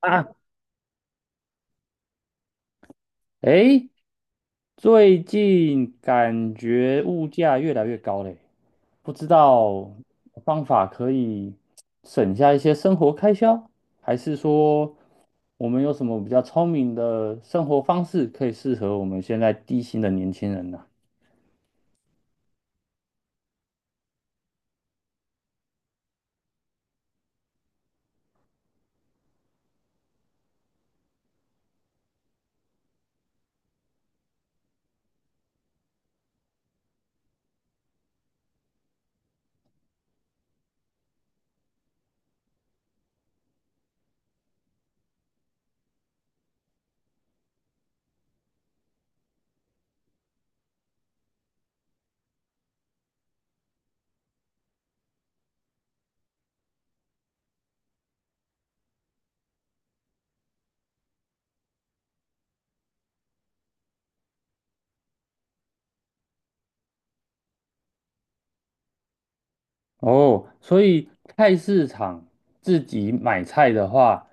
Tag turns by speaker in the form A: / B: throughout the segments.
A: 啊，诶，最近感觉物价越来越高嘞，不知道方法可以省下一些生活开销，还是说我们有什么比较聪明的生活方式可以适合我们现在低薪的年轻人呢？哦，所以菜市场自己买菜的话，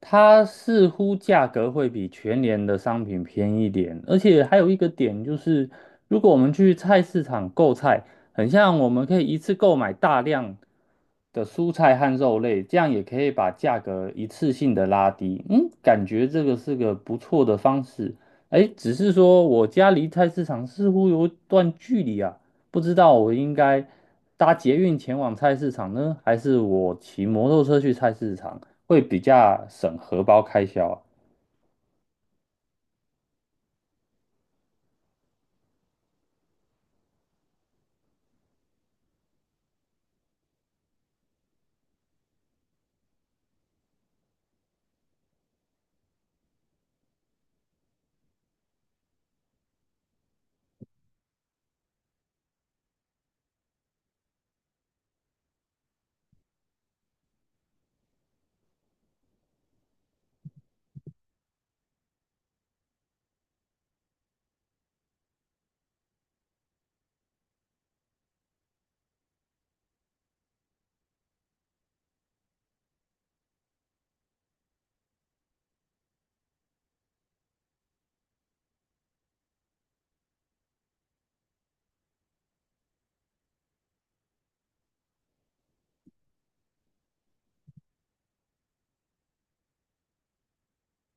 A: 它似乎价格会比全联的商品便宜一点，而且还有一个点就是，如果我们去菜市场购菜，很像我们可以一次购买大量的蔬菜和肉类，这样也可以把价格一次性的拉低。嗯，感觉这个是个不错的方式。哎，只是说我家离菜市场似乎有一段距离啊。不知道我应该搭捷运前往菜市场呢，还是我骑摩托车去菜市场，会比较省荷包开销啊。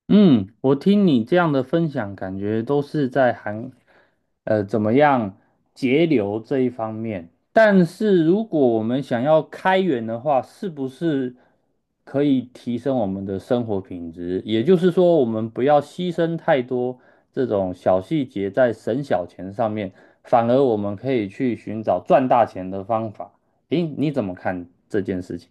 A: 嗯，我听你这样的分享，感觉都是在韩，怎么样节流这一方面。但是如果我们想要开源的话，是不是可以提升我们的生活品质？也就是说，我们不要牺牲太多这种小细节在省小钱上面，反而我们可以去寻找赚大钱的方法。诶，你怎么看这件事情？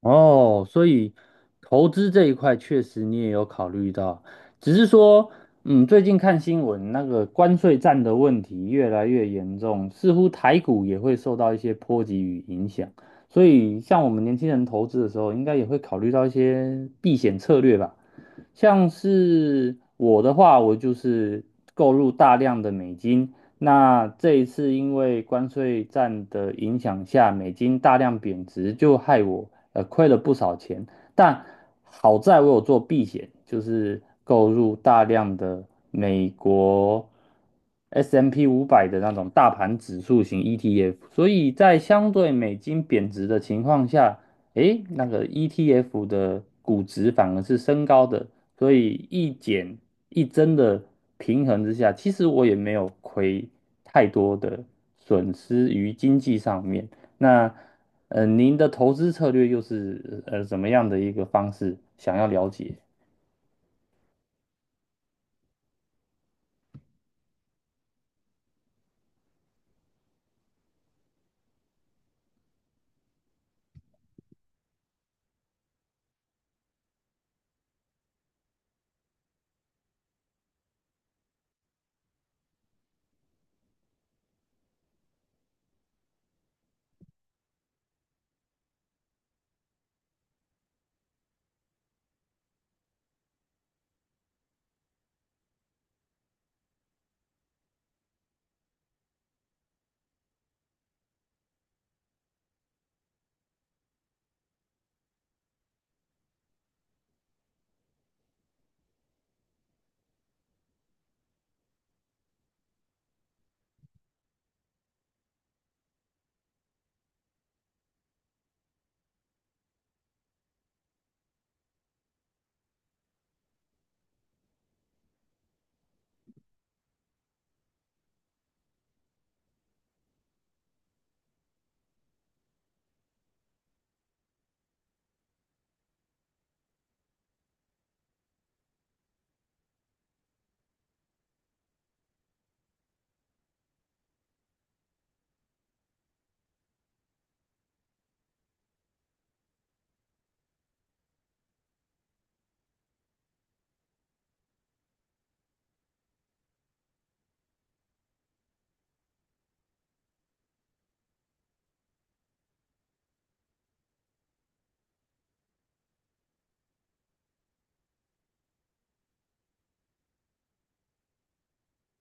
A: 哦，所以投资这一块确实你也有考虑到，只是说，嗯，最近看新闻，那个关税战的问题越来越严重，似乎台股也会受到一些波及与影响，所以像我们年轻人投资的时候，应该也会考虑到一些避险策略吧。像是我的话，我就是购入大量的美金。那这一次因为关税战的影响下，美金大量贬值，就害我亏了不少钱。但好在我有做避险，就是购入大量的美国 S&P 500的那种大盘指数型 ETF，所以在相对美金贬值的情况下，诶，那个 ETF 的估值反而是升高的，所以一减一增的平衡之下，其实我也没有亏太多的损失于经济上面。那您的投资策略又是怎么样的一个方式？想要了解。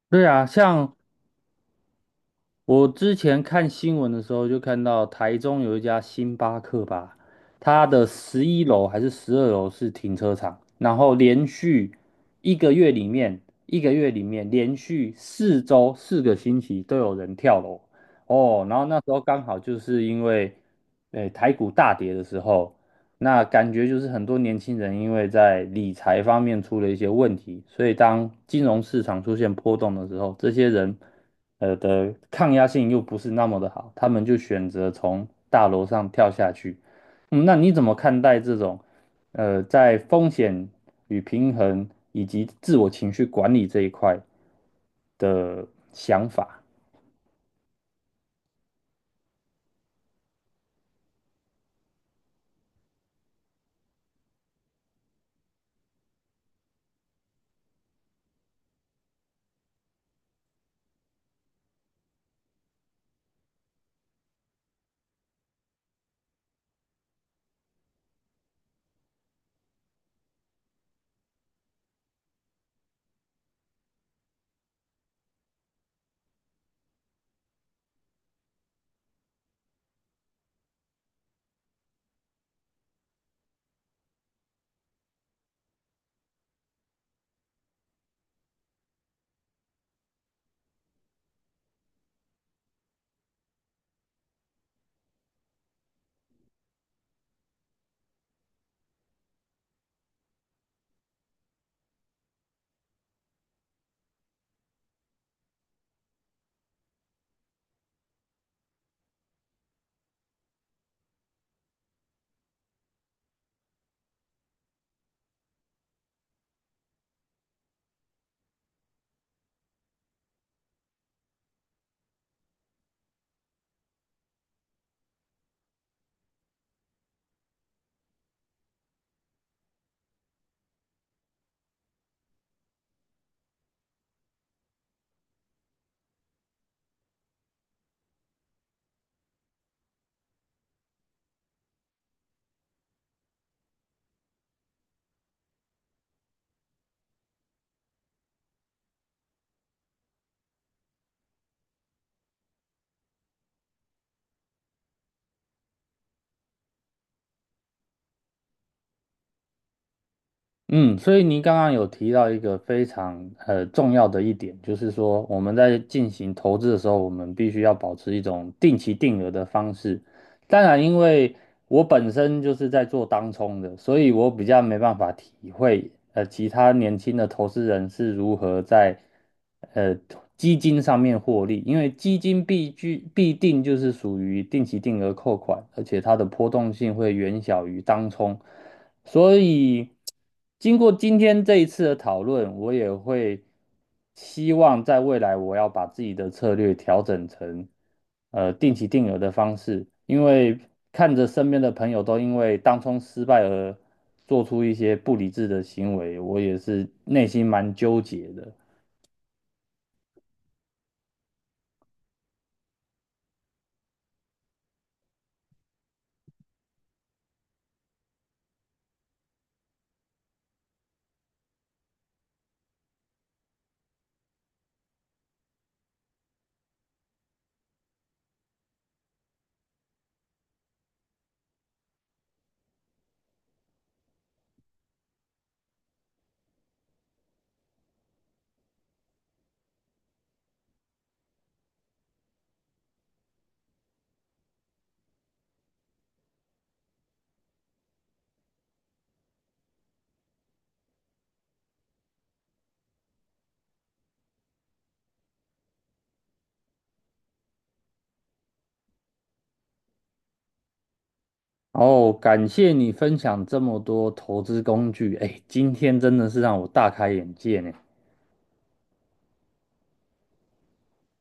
A: 对啊，像我之前看新闻的时候，就看到台中有一家星巴克吧，它的11楼还是12楼是停车场，然后连续一个月里面，一个月里面连续4周4个星期都有人跳楼哦。然后那时候刚好就是因为，诶、台股大跌的时候，那感觉就是很多年轻人因为在理财方面出了一些问题，所以当金融市场出现波动的时候，这些人的抗压性又不是那么的好，他们就选择从大楼上跳下去。嗯，那你怎么看待这种在风险与平衡以及自我情绪管理这一块的想法？嗯，所以您刚刚有提到一个非常重要的一点，就是说我们在进行投资的时候，我们必须要保持一种定期定额的方式。当然，因为我本身就是在做当冲的，所以我比较没办法体会其他年轻的投资人是如何在呃基金上面获利，因为基金必居必定就是属于定期定额扣款，而且它的波动性会远小于当冲。所以，经过今天这一次的讨论，我也会希望在未来我要把自己的策略调整成定期定额的方式，因为看着身边的朋友都因为当冲失败而做出一些不理智的行为，我也是内心蛮纠结的。然后感谢你分享这么多投资工具，哎，今天真的是让我大开眼界呢。